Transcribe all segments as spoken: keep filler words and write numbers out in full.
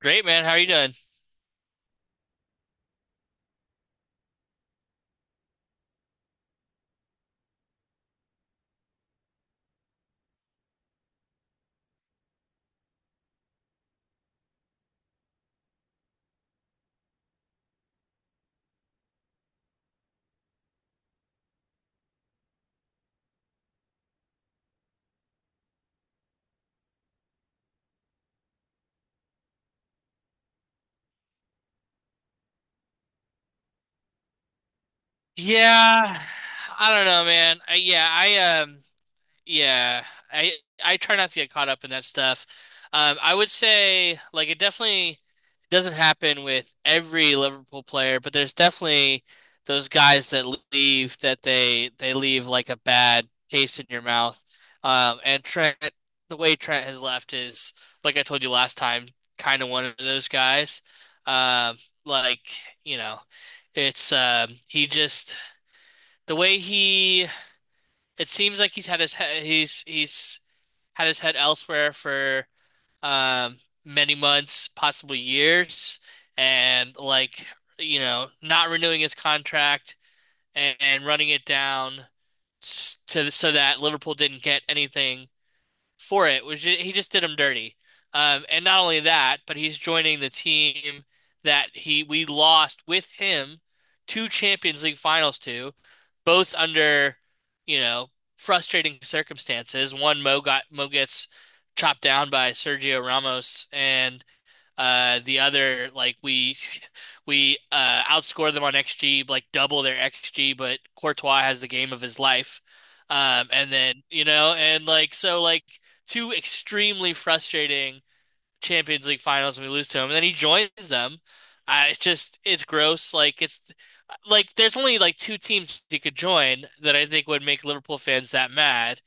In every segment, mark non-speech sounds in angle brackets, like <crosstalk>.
Great, man. How are you doing? Yeah, I don't know, man. I, yeah, I um Yeah, I I try not to get caught up in that stuff. Um, I would say like it definitely doesn't happen with every Liverpool player, but there's definitely those guys that leave that they they leave like a bad taste in your mouth. Um, and Trent, the way Trent has left is, like I told you last time, kind of one of those guys. Um, like you know, it's um, he just the way he it seems like he's had his he- he's he's had his head elsewhere for um, many months, possibly years, and like you know, not renewing his contract and, and running it down to so that Liverpool didn't get anything for it, which he just did him dirty. Um, and not only that, but he's joining the team that he we lost with him two Champions League finals to, both under, you know, frustrating circumstances. One Mo got Mo gets chopped down by Sergio Ramos, and uh, the other, like we <laughs> we uh outscore them on xG, like double their xG, but Courtois has the game of his life. Um, and then, you know, and like so like two extremely frustrating Champions League finals, and we lose to him, and then he joins them. I It's just, it's gross. Like it's like there's only like two teams he could join that I think would make Liverpool fans that mad.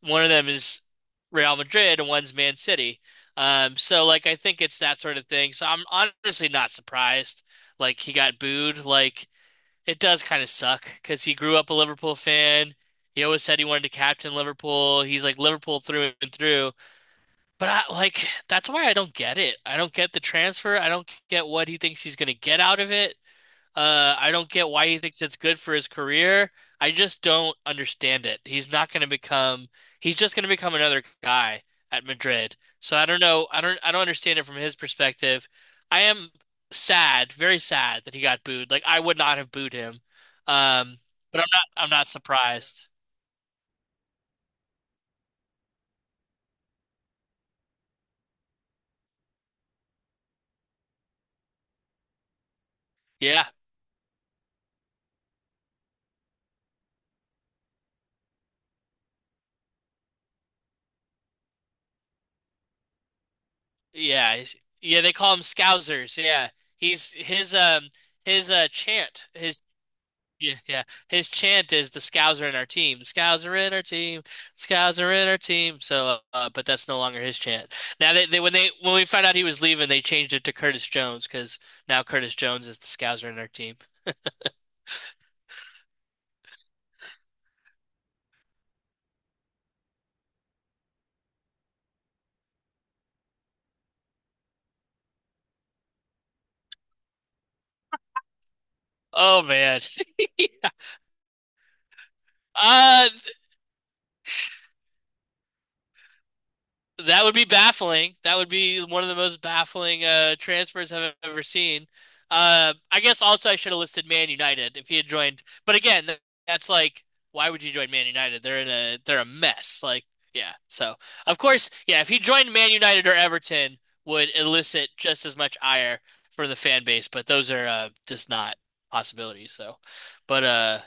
One of them is Real Madrid and one's Man City. Um, so like I think it's that sort of thing. So I'm honestly not surprised. Like he got booed. Like it does kind of suck because he grew up a Liverpool fan. He always said he wanted to captain Liverpool. He's like Liverpool through and through. But I like, that's why I don't get it. I don't get the transfer. I don't get what he thinks he's going to get out of it. Uh, I don't get why he thinks it's good for his career. I just don't understand it. He's not going to become, he's just going to become another guy at Madrid. So I don't know. I don't, I don't understand it from his perspective. I am sad, very sad that he got booed. Like I would not have booed him. Um, but I'm not, I'm not surprised. Yeah. Yeah. he's- Yeah. They call him Scousers. Yeah. He's his, um, his, uh, chant, his Yeah, yeah. His chant is the Scows are in our team. The Scows are in our team. Scows are in our team. So, uh, but that's no longer his chant. Now they, they when they when we found out he was leaving, they changed it to Curtis Jones because now Curtis Jones is the Scows are in our team. Oh man. <laughs> Uh That would be baffling. That would be one of the most baffling uh, transfers I've e-, ever seen. Uh, I guess also I should have listed Man United if he had joined. But again, that's like, why would you join Man United? They're in a they're a mess. Like, yeah. So of course, yeah. If he joined Man United or Everton, would elicit just as much ire for the fan base. But those are, uh, just not possibilities. So, but uh,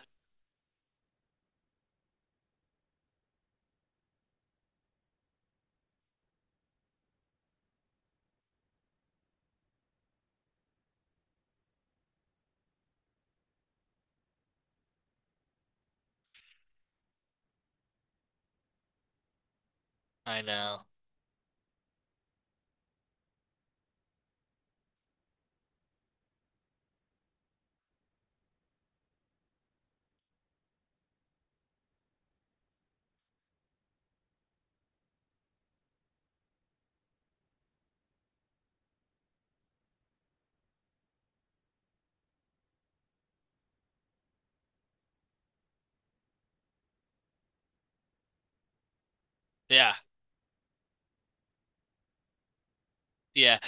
I know. Yeah. Yeah.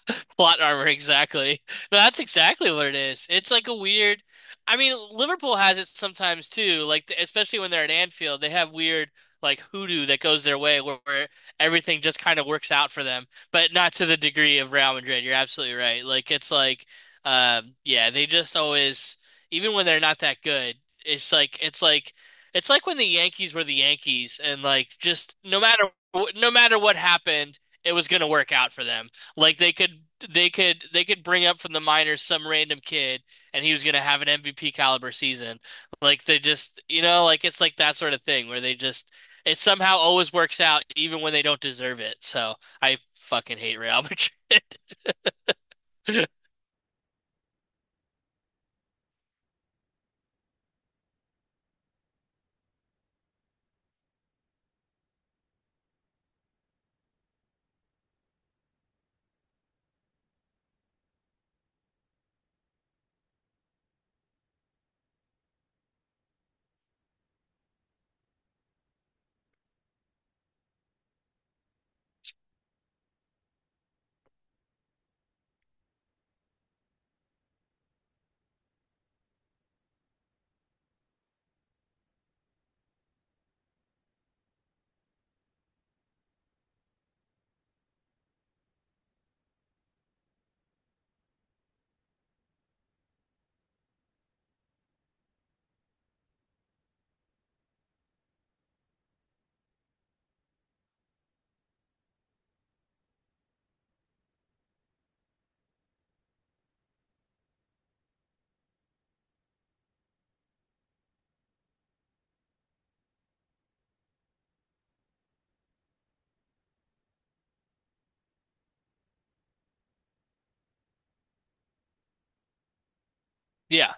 <laughs> Plot armor, exactly. No, that's exactly what it is. It's like a weird. I mean, Liverpool has it sometimes too. Like th- especially when they're at Anfield, they have weird like hoodoo that goes their way where, where everything just kind of works out for them, but not to the degree of Real Madrid. You're absolutely right. Like it's like, um, yeah, they just always, even when they're not that good, it's like it's like it's like when the Yankees were the Yankees, and like just no matter wh- no matter what happened, it was gonna work out for them. Like they could they could they could bring up from the minors some random kid, and he was going to have an M V P caliber season. Like they just, you know, like it's like that sort of thing where they just it somehow always works out even when they don't deserve it. So I fucking hate Real Madrid. <laughs> Yeah.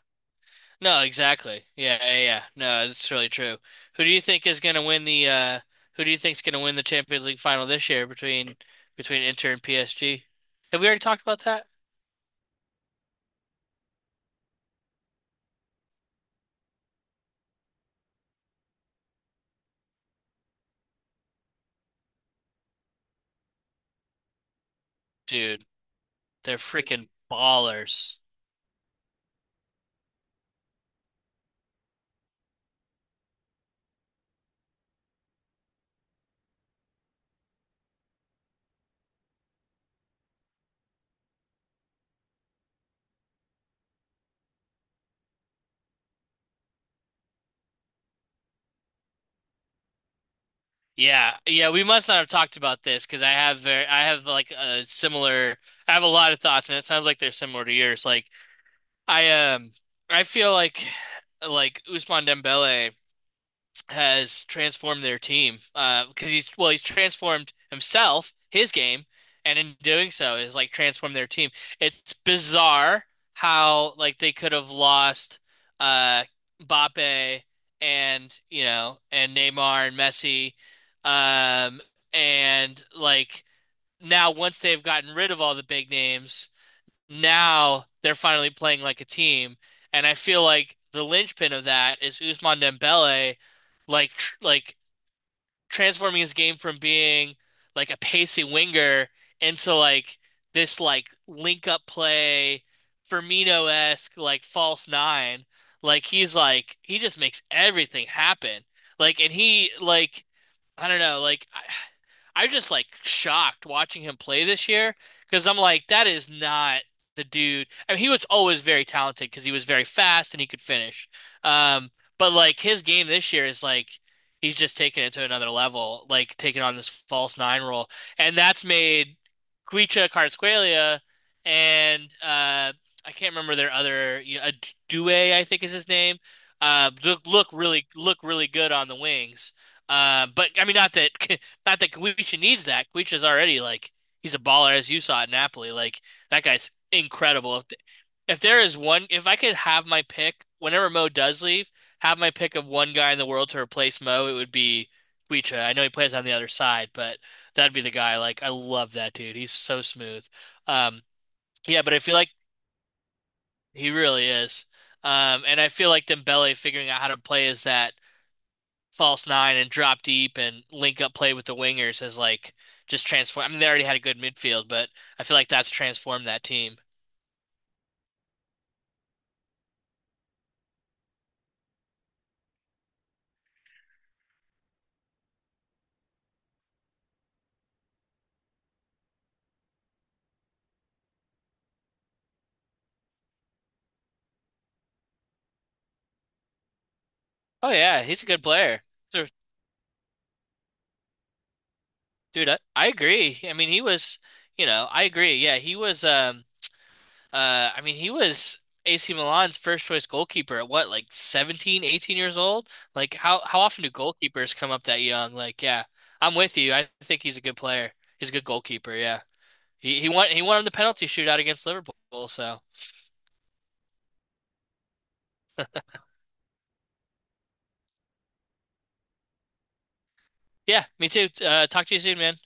No, exactly. Yeah, yeah, yeah. No, it's really true. Who do you think is going to win the uh who do you think's going to win the Champions League final this year between between Inter and P S G? Have we already talked about that? Dude. They're freaking ballers. Yeah, yeah, we must not have talked about this because I have very, I have like a similar, I have a lot of thoughts, and it sounds like they're similar to yours. Like I um, I feel like like Ousmane Dembele has transformed their team, uh because he's well, he's transformed himself, his game, and in doing so has like transformed their team. It's bizarre how like they could have lost uh Mbappe, and you know and Neymar and Messi, um and like now, once they've gotten rid of all the big names, now they're finally playing like a team, and I feel like the linchpin of that is Ousmane Dembele, like tr like transforming his game from being like a pacey winger into like this like link up play, Firmino-esque like false nine. Like he's like he just makes everything happen. Like and he like I don't know. Like I, I'm just like shocked watching him play this year because I'm like, that is not the dude. I mean, he was always very talented because he was very fast and he could finish. Um, but like his game this year is like he's just taking it to another level, like taking on this false nine role, and that's made Kwicha Kvaratskhelia and, uh, I can't remember their other, you know, Adue, I think is his name. Uh, look, look really look really good on the wings. Uh, but I mean, not that <laughs> not that Kuicha needs that. Kuicha's already like he's a baller, as you saw at Napoli. Like that guy's incredible. If, if there is one, if I could have my pick whenever Mo does leave, have my pick of one guy in the world to replace Mo, it would be Kuicha. I know he plays on the other side, but that'd be the guy. Like I love that dude. He's so smooth. Um, yeah, but I feel like he really is. Um, and I feel like Dembele figuring out how to play as that false nine and drop deep and link up play with the wingers has like just transformed. I mean, they already had a good midfield, but I feel like that's transformed that team. Oh yeah, he's a good player. Sure. Dude, I, I agree. I mean, he was, you know, I agree. Yeah, he was um uh I mean, he was A C Milan's first choice goalkeeper at what, like seventeen, eighteen years old? Like how how often do goalkeepers come up that young? Like, yeah. I'm with you. I think he's a good player. He's a good goalkeeper, yeah. He he won he won on the penalty shootout against Liverpool, so. Yeah, me too. Uh, talk to you soon, man.